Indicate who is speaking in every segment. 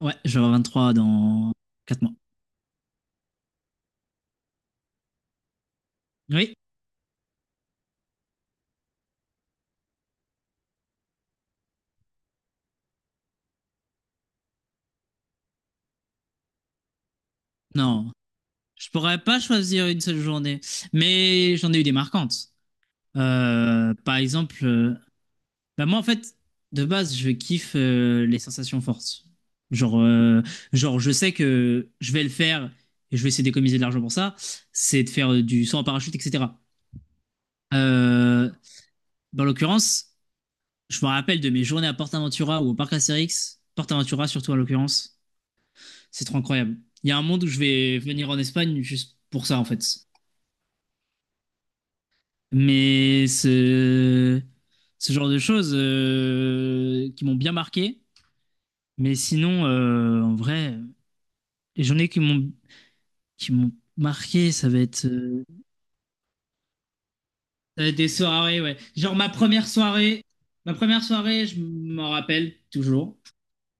Speaker 1: Ouais, j'aurai 23 dans 4 mois. Oui, non. Je pourrais pas choisir une seule journée, mais j'en ai eu des marquantes. Par exemple, bah moi en fait, de base, je kiffe les sensations fortes. Genre, euh, genre, je sais que je vais le faire et je vais essayer d'économiser de l'argent pour ça. C'est de faire du saut en parachute, etc. Euh, Dans l'occurrence, je me rappelle de mes journées à PortAventura ou au parc Astérix, PortAventura surtout en l'occurrence. C'est trop incroyable. Il y a un monde où je vais venir en Espagne juste pour ça, en fait. Mais ce genre de choses qui m'ont bien marqué. Mais sinon, en vrai, les journées qui m'ont marqué, ça va être des soirées, ouais. Genre ma première soirée, je m'en rappelle toujours.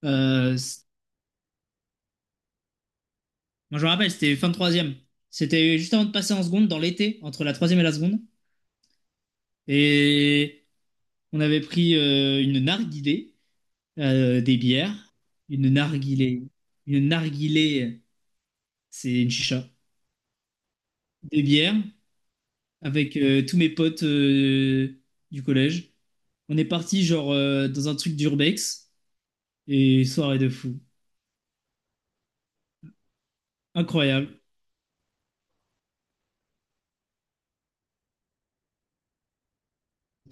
Speaker 1: Euh, c- Moi, je me rappelle, c'était fin de troisième. C'était juste avant de passer en seconde, dans l'été, entre la troisième et la seconde. Et on avait pris une narguilé, des bières. Une narguilé. Une narguilé, c'est une chicha. Des bières avec tous mes potes du collège. On est parti genre dans un truc d'urbex et soirée de fou. Incroyable.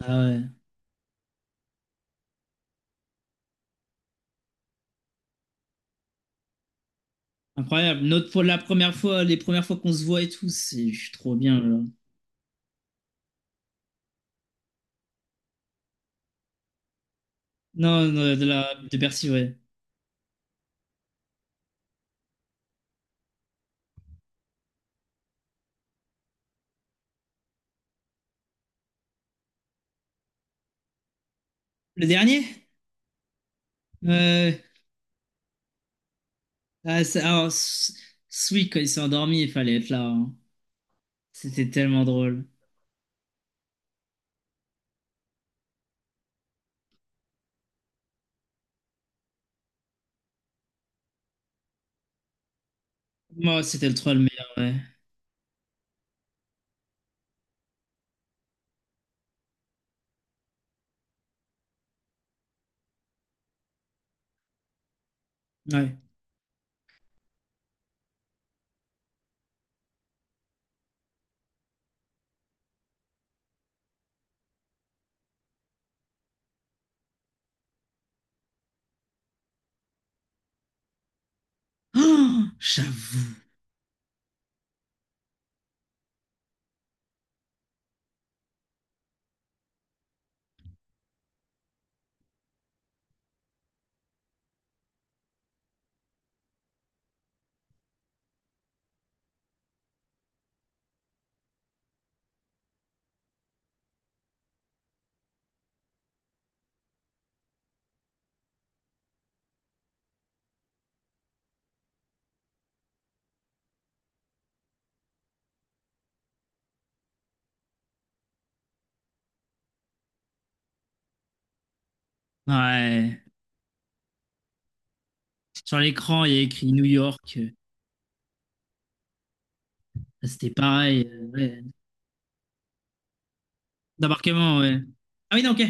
Speaker 1: Ah ouais. Incroyable. Notre, pour la première fois, les premières fois qu'on se voit et tout, c'est je suis trop bien là. Non, non, de Bercy, ouais. Le dernier? Euh, ah, c'est- alors, s- Sweet, quand il s'est endormi, il fallait être là, hein. C'était tellement drôle. Moi, c'était le 3 le meilleur, ouais. Ouais. Oh, j'avoue. Ouais. Sur l'écran, il y a écrit New York. C'était pareil. Ouais. D'embarquement, ouais. Ah oui, non, ok.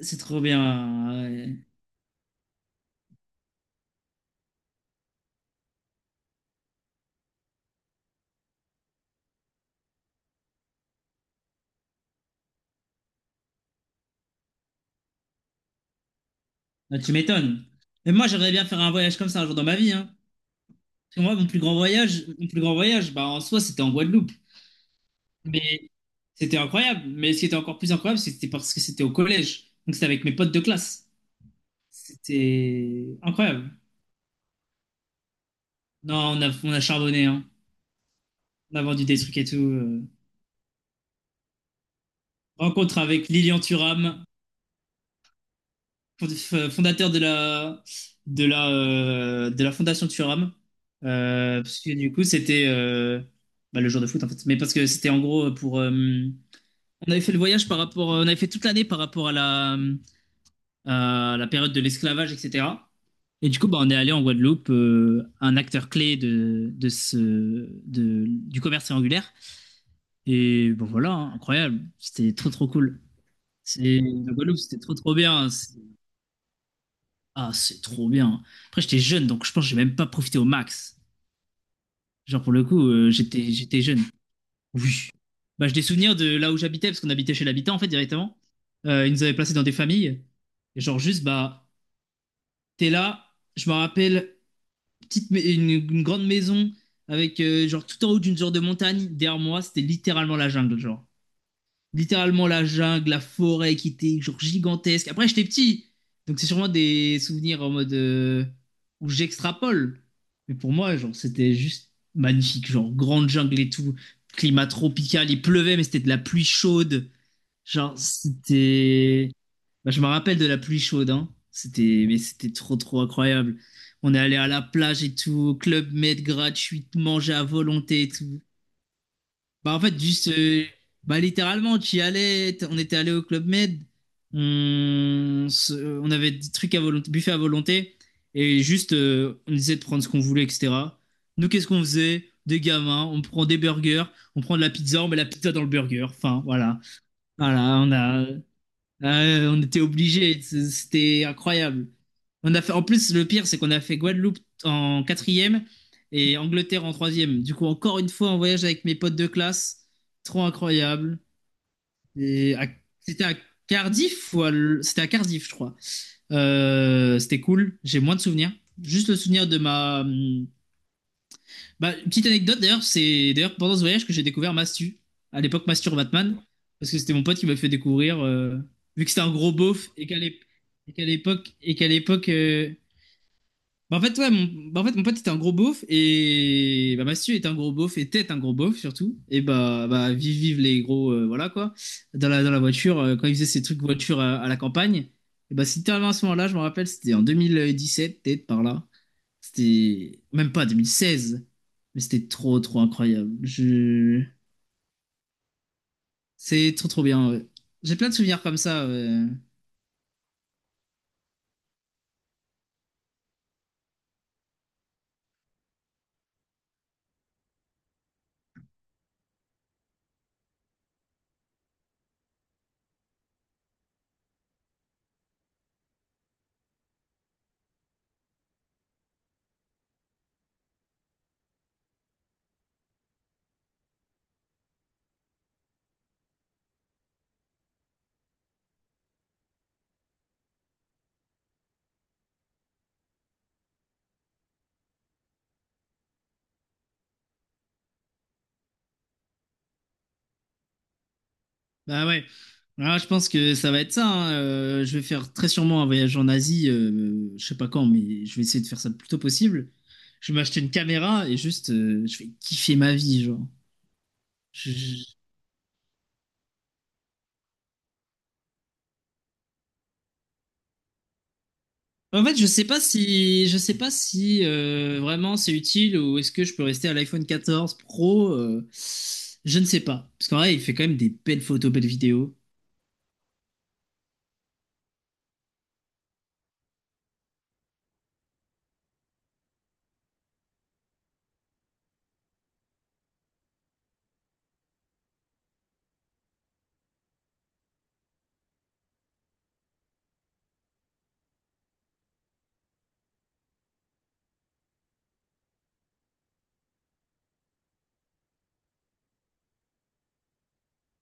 Speaker 1: C'est trop bien, ouais. Ah, tu m'étonnes. Mais moi, j'aimerais bien faire un voyage comme ça un jour dans ma vie, hein. Parce que moi, mon plus grand voyage, bah, en soi, c'était en Guadeloupe. Mais c'était incroyable. Mais ce qui était encore plus incroyable, c'était parce que c'était au collège. Donc, c'était avec mes potes de classe. C'était incroyable. Non, on a charbonné, hein. On a vendu des trucs et tout. Rencontre avec Lilian Thuram, fondateur de la Fondation Thuram. Parce que du coup, c'était bah, le jour de foot en fait. Mais parce que c'était en gros pour. On avait fait le voyage par rapport. On avait fait toute l'année par rapport à la période de l'esclavage, etc. Et du coup, bah, on est allé en Guadeloupe, un acteur clé du commerce triangulaire. Et bon, voilà, hein, incroyable. C'était trop, trop cool. C'est la Guadeloupe, c'était trop, trop bien. Ah, c'est trop bien. Après, j'étais jeune, donc je pense que j'ai même pas profité au max. Genre, pour le coup, j'étais jeune. Oui. Bah, j'ai des souvenirs de là où j'habitais, parce qu'on habitait chez l'habitant, en fait, directement. Ils nous avaient placés dans des familles. Et genre, juste, bah, t'es là. Je me rappelle, petite, une grande maison avec, genre, tout en haut d'une genre de montagne. Derrière moi, c'était littéralement la jungle, genre. Littéralement la jungle, la forêt qui était genre gigantesque. Après, j'étais petit, donc c'est sûrement des souvenirs en mode où j'extrapole. Mais pour moi, genre, c'était juste magnifique, genre grande jungle et tout, climat tropical, il pleuvait, mais c'était de la pluie chaude. Genre, c'était. Bah, je me rappelle de la pluie chaude, hein. Mais c'était trop, trop incroyable. On est allé à la plage et tout, au club med gratuit, manger à volonté et tout. Bah, en fait, juste, bah, littéralement, tu y allais, t- on était allé au Club Med, on avait des trucs à volonté, buffet à volonté, et juste, on essayait de prendre ce qu'on voulait, etc. Nous, qu'est-ce qu'on faisait? Des gamins, on prend des burgers, on prend de la pizza, on met la pizza dans le burger. Enfin, voilà. Voilà, on était obligés, c'était incroyable. On a fait, en plus, le pire, c'est qu'on a fait Guadeloupe en quatrième et Angleterre en troisième. Du coup, encore une fois, en voyage avec mes potes de classe. Trop incroyable. Et à- C'était à C'était à Cardiff, je crois. C'était cool. J'ai moins de souvenirs. Juste le souvenir de ma. Bah, une petite anecdote d'ailleurs, c'est d'ailleurs pendant ce voyage que j'ai découvert Mastu. À l'époque, Mastur Batman. Parce que c'était mon pote qui m'a fait découvrir. Vu que c'était un gros beauf et qu'à l'ép- et qu'à l'époque. Et qu'à l'époque. Bah, en fait, ouais, mon... Mon pote était un gros beauf et bah, Massieu était un gros beauf et était un gros beauf surtout. Et bah, vive les gros, voilà quoi. Dans la voiture, quand il faisait ses trucs voiture à la campagne, et bah, c'était à ce moment-là, je me rappelle, c'était en 2017, peut-être par là. C'était même pas 2016, mais c'était trop, trop incroyable. Je... C'est trop, trop bien, ouais. J'ai plein de souvenirs comme ça, ouais. Bah ouais. Ah, je pense que ça va être ça, hein. Je vais faire très sûrement un voyage en Asie, je sais pas quand, mais je vais essayer de faire ça le plus tôt possible. Je vais m'acheter une caméra et juste, je vais kiffer ma vie, genre. Je- je- En fait, je sais pas si, je sais pas si vraiment c'est utile ou est-ce que je peux rester à l'iPhone 14 Pro. Je ne sais pas, parce qu'en vrai, il fait quand même des belles photos, belles vidéos.